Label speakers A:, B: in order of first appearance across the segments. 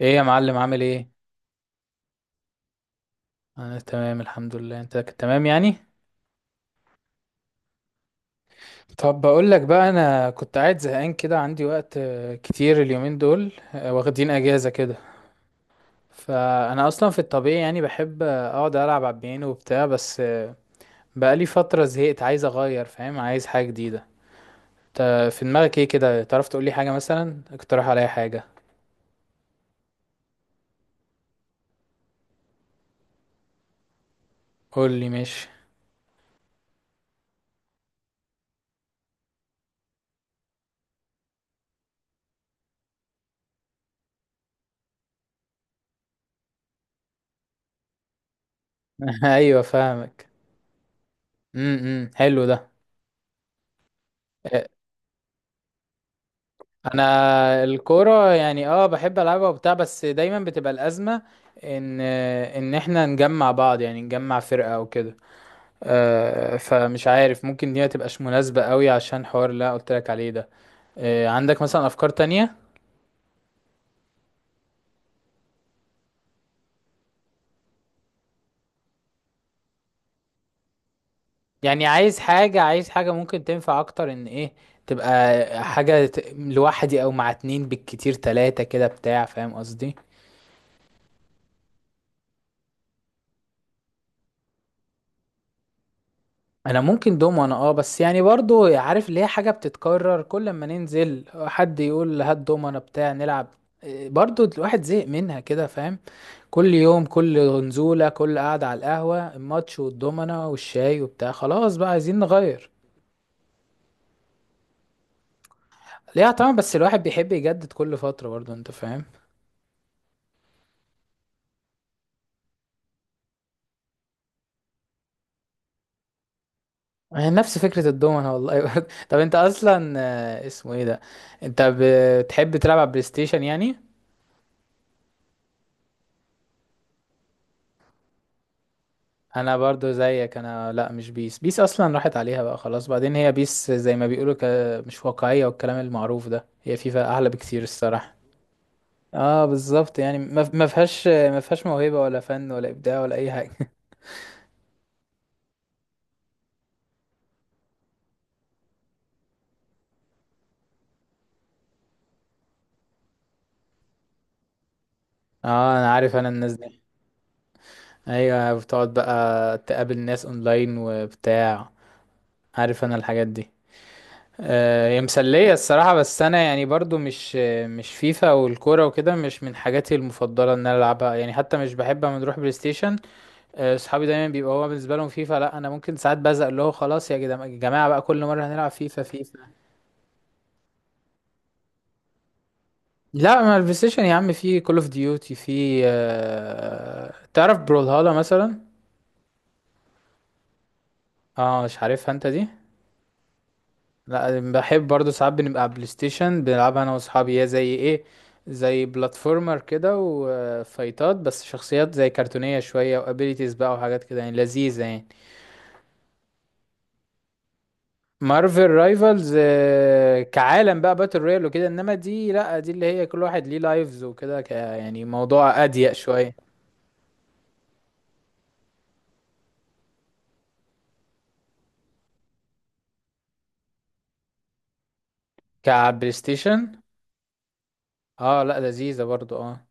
A: ايه يا معلم، عامل ايه؟ انا تمام الحمد لله. انت كنت تمام يعني؟ طب بقول لك بقى، انا كنت قاعد زهقان كده، عندي وقت كتير اليومين دول، واخدين اجازة كده. فانا اصلا في الطبيعي يعني بحب اقعد العب على البيانو وبتاع، بس بقالي فترة زهقت، عايز اغير، فاهم؟ عايز حاجة جديدة. انت في دماغك ايه كده؟ تعرف تقول لي حاجة؟ مثلا اقترح عليا حاجة. قول لي ماشي. ايوه فاهمك. حلو ده. آه، انا الكوره يعني بحب العبها وبتاع، بس دايما بتبقى الازمه ان احنا نجمع بعض، يعني نجمع فرقه او كده. فمش عارف، ممكن دي ما تبقاش مناسبه قوي عشان حوار اللي أنا قلت لك عليه ده. عندك مثلا افكار تانية؟ يعني عايز حاجه ممكن تنفع اكتر، ان ايه، تبقى حاجه لوحدي او مع اتنين بالكتير تلاتة كده بتاع، فاهم قصدي؟ انا ممكن دومنة، بس يعني برضو عارف اللي هي حاجه بتتكرر، كل ما ننزل حد يقول هات دومنة بتاع نلعب. إيه، برضو الواحد زهق منها كده، فاهم؟ كل يوم، كل نزوله، كل قعده على القهوه، الماتش والدومنة والشاي وبتاع، خلاص بقى عايزين نغير. ليها طبعا، بس الواحد بيحب يجدد كل فتره برضو، انت فاهم. يعني نفس فكره الدومنة والله، برضو. طب انت اصلا اسمه ايه ده، انت بتحب تلعب على بلاي ستيشن يعني؟ انا برضو زيك، انا لا مش بيس. بيس اصلا راحت عليها بقى خلاص. بعدين هي بيس زي ما بيقولوا مش واقعية والكلام المعروف ده. هي فيفا احلى بكتير الصراحة. اه بالظبط، يعني ما فيهاش موهبة ولا فن ولا ابداع ولا اي حاجة. اه انا عارف، انا الناس دي ايوه، بتقعد بقى تقابل ناس اونلاين وبتاع، عارف انا الحاجات دي. هي مسلية الصراحة، بس أنا يعني برضو مش فيفا والكورة وكده مش من حاجاتي المفضلة إن أنا ألعبها يعني. حتى مش بحب أما نروح بلاي ستيشن. صحابي دايما بيبقى هو بالنسبه لهم فيفا، لا انا ممكن ساعات بزق اللي هو خلاص يا جماعه بقى، كل مره هنلعب فيفا فيفا. لا، ما البلاي ستيشن يا عم في كول اوف ديوتي، في تعرف بrawlhalla مثلا؟ اه مش عارفها انت دي؟ لا بحب برضو، ساعات بنبقى على بلاي ستيشن بنلعبها انا واصحابي. هي زي ايه، زي بلاتفورمر كده وفايتات، بس شخصيات زي كرتونيه شويه، وابيليتيز بقى وحاجات كده يعني لذيذه يعني. مارفل رايفلز كعالم بقى باتل رويال وكده، انما دي لا، دي اللي هي كل واحد ليه لايفز وكده، ك يعني موضوع اضيق شويه. كبلاي ستيشن؟ اه لا لذيذه برضو اه.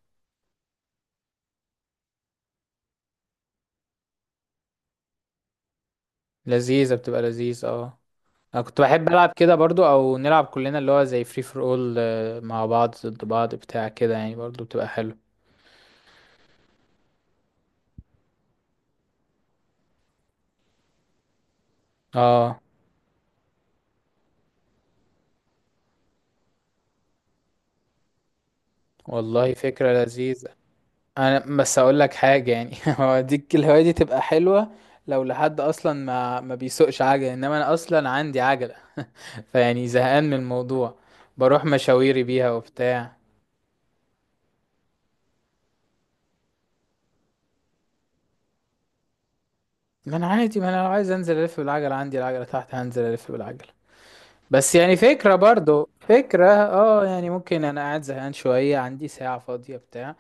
A: لذيذه، بتبقى لذيذ اه. انا كنت بحب العب كده برضو، او نلعب كلنا اللي هو زي فري فور اول مع بعض، ضد بعض بتاع كده، يعني برضو بتبقى حلو. اه والله فكره لذيذه. انا بس اقول لك حاجه يعني، هو ديك الهوايه دي تبقى حلوه لو لحد اصلا ما بيسوقش عجله، انما انا اصلا عندي عجله. فيعني زهقان من الموضوع، بروح مشاويري بيها وبتاع. ما انا عادي، ما انا لو عايز انزل الف بالعجله عندي العجله تحت، هنزل الف بالعجله. بس يعني فكره، برضو فكره اه يعني، ممكن انا قاعد زهقان شويه، عندي ساعه فاضيه بتاع،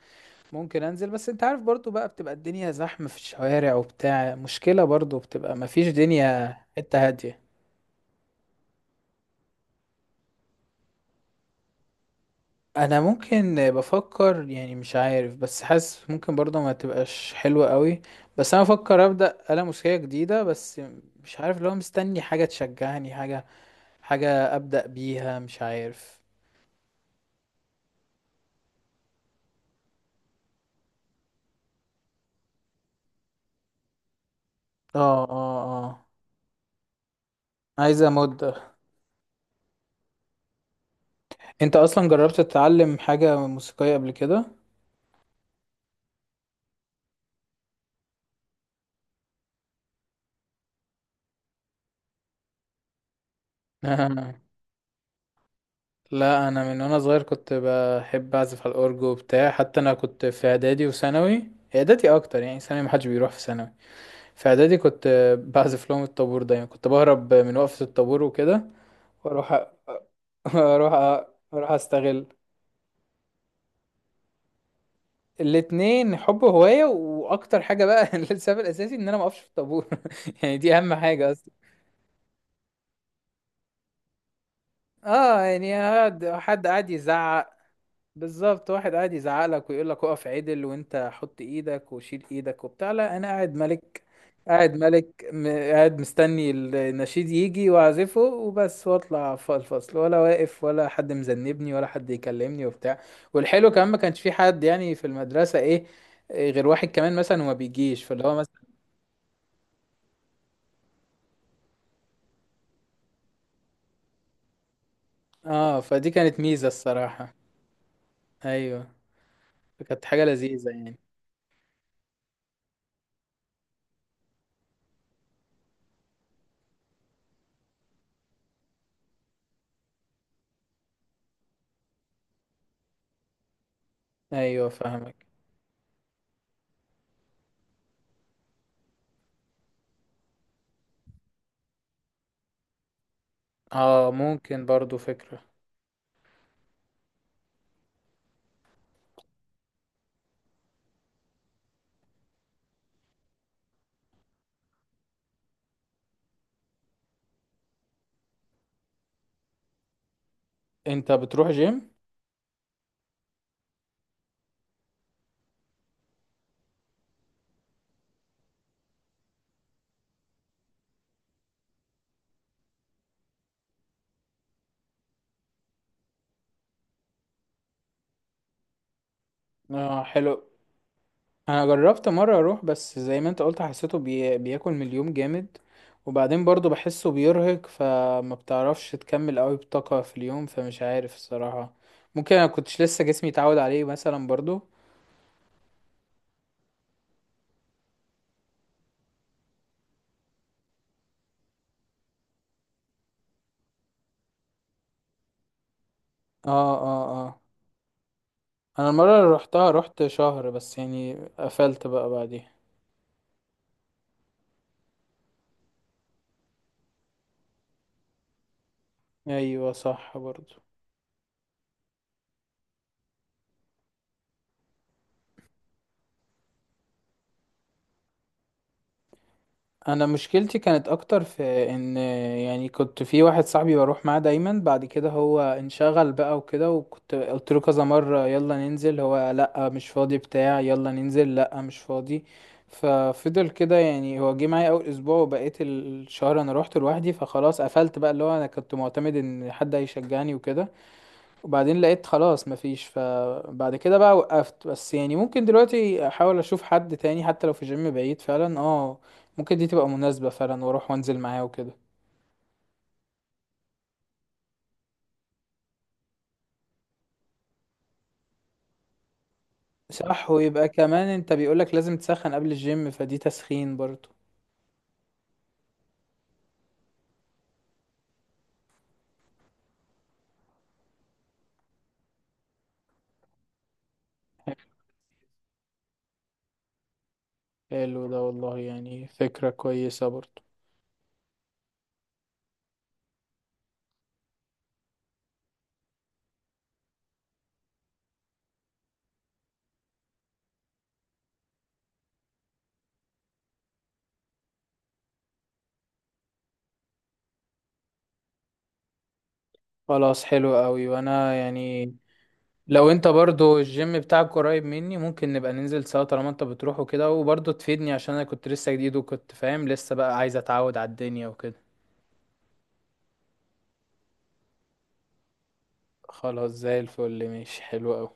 A: ممكن انزل. بس انت عارف برضو بقى بتبقى الدنيا زحمه في الشوارع وبتاع، مشكله برضو، بتبقى مفيش دنيا حته هاديه. انا ممكن بفكر يعني، مش عارف، بس حاسس ممكن برضه ما تبقاش حلوة قوي، بس انا بفكر ابدا آلة موسيقية جديدة. بس مش عارف، لو مستني حاجة تشجعني، حاجة، حاجة ابدا بيها، مش عارف. اه اه اه. عايزة مدة. انت اصلا جربت تتعلم حاجة موسيقية قبل كده؟ آه. لا انا من وانا صغير كنت بحب اعزف على الاورج وبتاع. حتى انا كنت في اعدادي وثانوي، اعدادي اكتر يعني، ثانوي محدش بيروح. في ثانوي، في اعدادي كنت بعزف لهم الطابور. دايما كنت بهرب من وقفة الطابور وكده، واروح أ- اروح أ- اروح استغل. الاتنين، حب، هواية، واكتر حاجة بقى السبب الاساسي ان انا ما اقفش في الطابور. يعني دي اهم حاجة اصلا. اه يعني حد قاعد يزعق. بالظبط، واحد قاعد يزعق لك ويقول لك اقف عدل، وانت حط ايدك وشيل ايدك وبتاع. لا انا قاعد ملك، قاعد ملك، قاعد مستني النشيد يجي واعزفه وبس، واطلع الفصل، ولا واقف ولا حد مذنبني ولا حد يكلمني وبتاع. والحلو كمان ما كانش في حد يعني في المدرسة ايه، إيه، غير واحد كمان مثلا وما بيجيش فاللي هو مثلا. اه فدي كانت ميزة الصراحة. ايوه، كانت حاجة لذيذة يعني. ايوه فاهمك. اه ممكن برضو فكرة. انت بتروح جيم؟ اه حلو. انا جربت مره اروح، بس زي ما انت قلت حسيته بياكل من اليوم جامد. وبعدين برضو بحسه بيرهق، فما بتعرفش تكمل قوي بطاقه في اليوم، فمش عارف الصراحه. ممكن انا كنتش لسه جسمي اتعود عليه مثلا برضو. اه اه اه. انا المره اللي روحتها روحت شهر بس يعني، قفلت بقى بعديها. ايوه صح برضو. انا مشكلتي كانت اكتر في ان يعني، كنت في واحد صاحبي بروح معاه دايما. بعد كده هو انشغل بقى وكده، وكنت قلت له كذا مرة يلا ننزل، هو لا مش فاضي بتاع، يلا ننزل، لا مش فاضي. ففضل كده يعني، هو جه معايا اول اسبوع وبقيت الشهر انا روحت لوحدي، فخلاص قفلت بقى. اللي هو انا كنت معتمد ان حد هيشجعني وكده، وبعدين لقيت خلاص مفيش، فبعد كده بقى وقفت. بس يعني ممكن دلوقتي احاول اشوف حد تاني، حتى لو في جيم بعيد فعلا اه، ممكن دي تبقى مناسبة فعلا، واروح وانزل معاه وكده. صح، ويبقى كمان انت بيقولك لازم تسخن قبل الجيم، فدي تسخين برضو. حلو ده والله يعني، فكرة كويسة برضو. خلاص حلو قوي، وانا يعني لو انت برضو الجيم بتاعك قريب مني ممكن نبقى ننزل سوا، طالما انت بتروح وكده، وبرضو تفيدني، عشان انا كنت لسه جديد وكنت فاهم لسه بقى، عايز اتعود على الدنيا وكده. خلاص زي الفل ماشي، حلو أوي.